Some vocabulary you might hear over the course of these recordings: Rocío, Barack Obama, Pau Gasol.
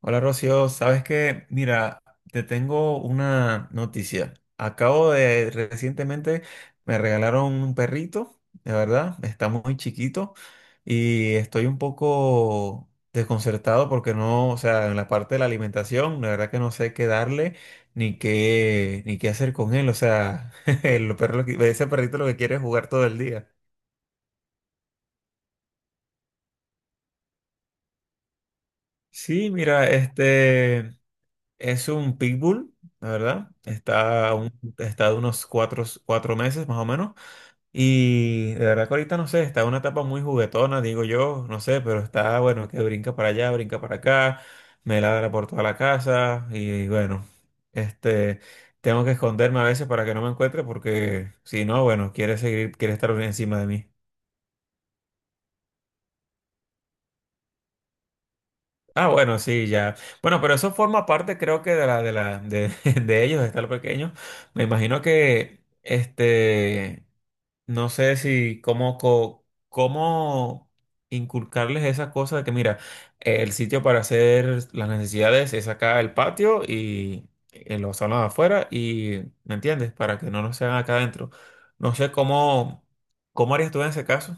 Hola Rocío, sabes que, mira, te tengo una noticia. Recientemente me regalaron un perrito, de verdad, está muy chiquito y estoy un poco desconcertado porque no, o sea, en la parte de la alimentación, la verdad que no sé qué darle ni qué hacer con él, o sea, el perro lo que- ese perrito lo que quiere es jugar todo el día. Sí, mira, es un pitbull, la verdad. Está de unos cuatro meses más o menos. Y de verdad que ahorita no sé, está en una etapa muy juguetona, digo yo, no sé, pero está bueno, que brinca para allá, brinca para acá, me ladra por toda la casa y bueno, este, tengo que esconderme a veces para que no me encuentre porque si no, bueno, quiere seguir, quiere estar encima de mí. Ah, bueno, sí, ya. Bueno, pero eso forma parte, creo que de ellos, de estar pequeño. Me imagino que, no sé si cómo, co- cómo inculcarles esa cosa de que, mira, el sitio para hacer las necesidades es acá el patio y los salones afuera y, ¿me entiendes? Para que no nos sean acá adentro. No sé cómo, cómo harías tú en ese caso.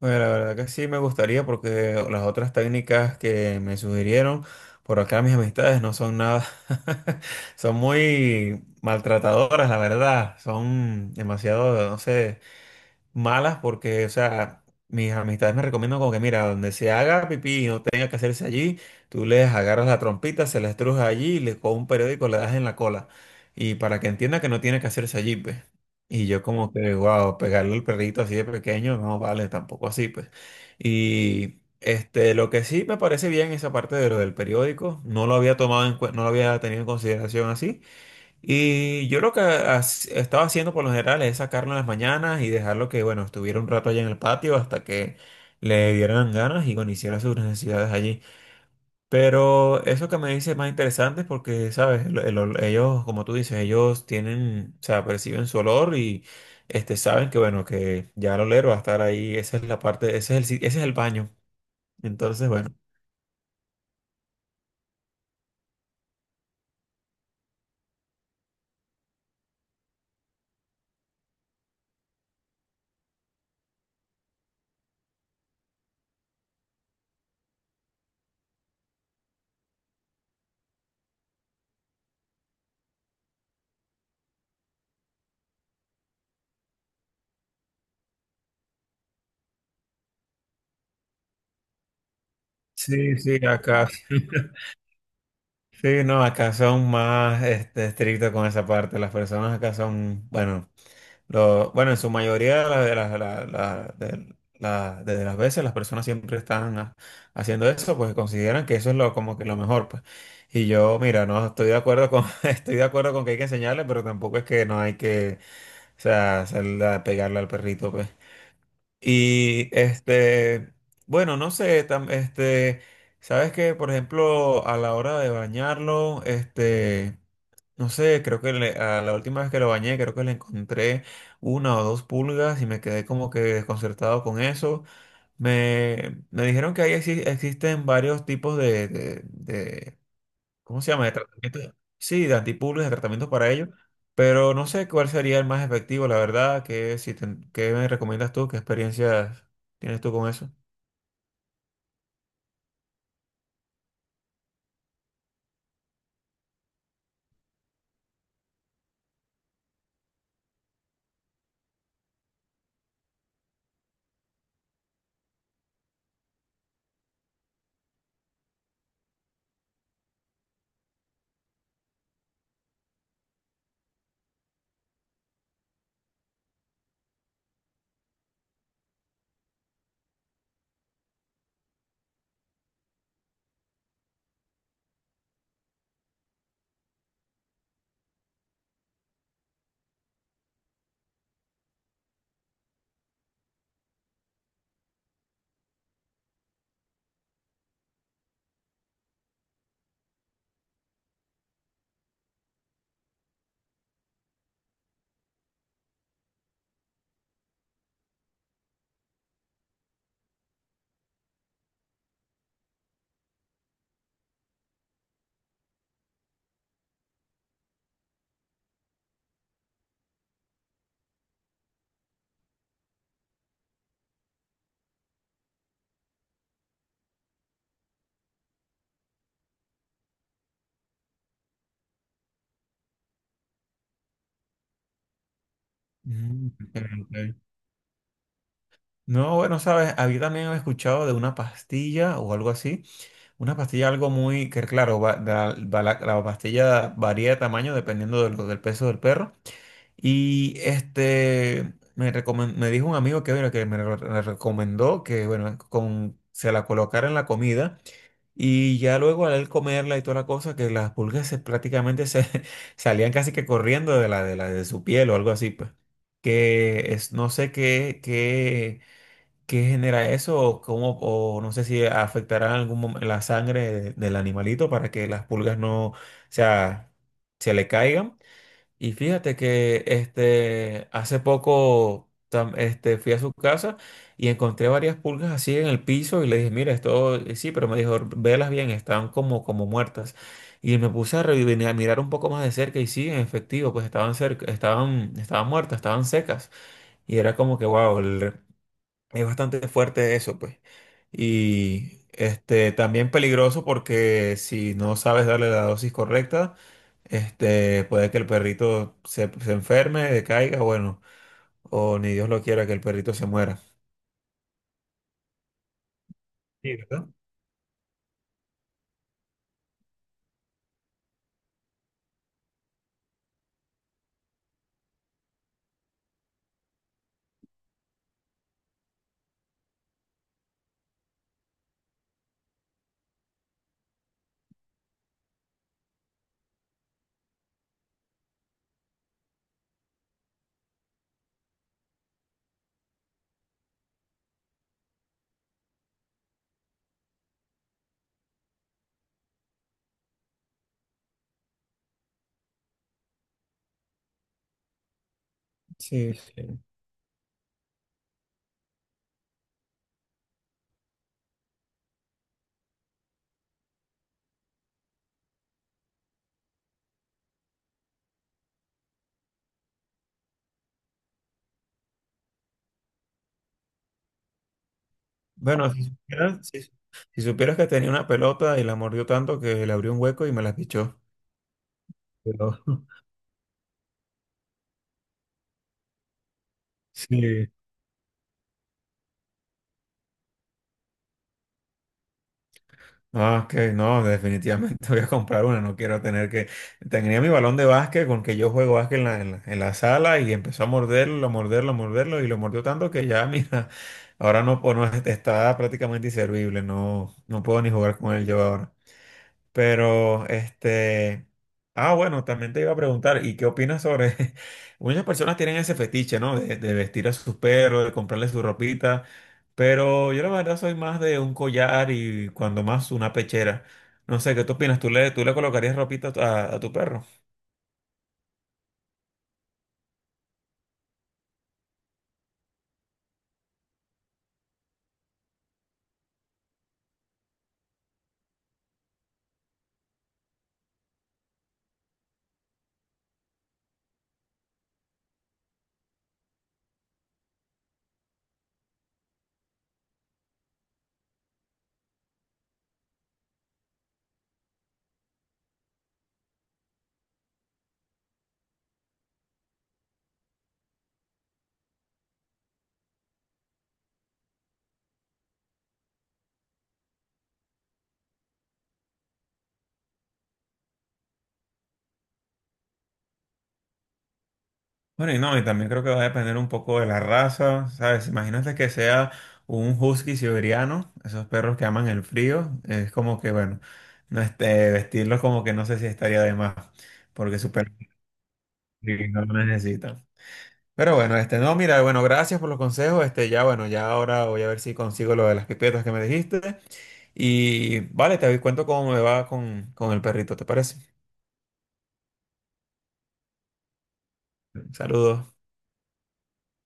Bueno, la verdad que sí me gustaría porque las otras técnicas que me sugirieron por acá mis amistades no son nada, son muy maltratadoras, la verdad, son demasiado, no sé malas porque, o sea, mis amistades me recomiendan como que, mira, donde se haga pipí y no tenga que hacerse allí, tú les agarras la trompita, se la estrujas allí y le con un periódico le das en la cola. Y para que entienda que no tiene que hacerse allí, pues. Y yo como que, wow, pegarle al perrito así de pequeño, no vale, tampoco así, pues. Y lo que sí me parece bien esa parte de lo del periódico, no lo había tomado en cuen- no lo había tenido en consideración así. Y yo estaba haciendo por lo general es sacarlo en las mañanas y dejarlo que, bueno, estuviera un rato allá en el patio hasta que le dieran ganas y, bueno, hiciera sus necesidades allí. Pero eso que me dice es más interesante porque, ¿sabes? Ellos, como tú dices, ellos tienen, o sea, perciben su olor y, saben que, bueno, que ya el oler va a estar ahí. Esa es la parte, ese es el, si- ese es el baño. Entonces, bueno. Sí, sí, acá. Sí, no, acá son más estrictos con esa parte. Las personas acá son, bueno, lo, bueno, en su mayoría de las, la- la- de las veces las personas siempre están haciendo eso, pues consideran que eso es lo, como que lo mejor, pues. Y yo, mira, no estoy de acuerdo con, estoy de acuerdo con que hay que enseñarle, pero tampoco es que no hay que, o sea, pegarle al perrito, pues. Y bueno, no sé, sabes que, por ejemplo, a la hora de bañarlo, no sé, creo que a la última vez que lo bañé, creo que le encontré una o dos pulgas y me quedé como que desconcertado con eso. Me dijeron que ahí existen varios tipos de, ¿cómo se llama? De tratamiento. Sí, de antipulgas, de tratamientos para ello. Pero no sé cuál sería el más efectivo, la verdad. Que si te- ¿Qué me recomiendas tú? ¿Qué experiencias tienes tú con eso? Mm, ok, ok. No, bueno, sabes, había también escuchado de una pastilla o algo así. Una pastilla, algo muy, que claro, va la pastilla varía de tamaño dependiendo del peso del perro. Y este, me dijo un amigo que, bueno, me recomendó que, bueno, con, se la colocara en la comida. Y ya luego al él comerla y toda la cosa, que las pulgas prácticamente se salían casi que corriendo de la, de la de su piel o algo así, pues. No sé qué genera eso, o cómo, o no sé si afectará en algún momento la sangre del animalito para que las pulgas no, o sea, se le caigan. Y fíjate que hace poco fui a su casa y encontré varias pulgas así en el piso y le dije, mira, esto sí, pero me dijo, velas bien, están como, como muertas. Y me puse a mirar un poco más de cerca y sí, en efectivo, pues estaban cerca, estaban muertas, estaban secas. Y era como que, wow, es bastante fuerte eso, pues. Y este también peligroso porque si no sabes darle la dosis correcta, este puede que el perrito se enferme, decaiga, bueno, o ni Dios lo quiera que el perrito se muera. Sí, ¿verdad? Sí, sí. Bueno, si supieras que tenía una pelota y la mordió tanto que le abrió un hueco y me la pichó. Pero sí. Ah, ok, no, definitivamente voy a comprar una, no quiero tener que... Tenía mi balón de básquet con que yo juego básquet en la sala y empezó a morderlo, a morderlo, a morderlo y lo mordió tanto que ya, mira, ahora no, o no está prácticamente inservible, no, no puedo ni jugar con él yo ahora. Pero, ah, bueno, también te iba a preguntar, ¿y qué opinas sobre? Muchas personas tienen ese fetiche, ¿no? De vestir a sus perros, de comprarle su ropita, pero yo la verdad soy más de un collar y cuando más una pechera. No sé, ¿qué tú opinas? Tú le colocarías ropita a tu perro? Bueno, y no, y también creo que va a depender un poco de la raza, ¿sabes? Imagínate que sea un husky siberiano, esos perros que aman el frío, es como que, bueno, no este, vestirlos como que no sé si estaría de más, porque su perro sí no lo necesita. Pero bueno, no, mira, bueno, gracias por los consejos, ya, bueno, ya ahora voy a ver si consigo lo de las pipetas que me dijiste, y vale, te cuento cómo me va con el perrito, ¿te parece? Saludos.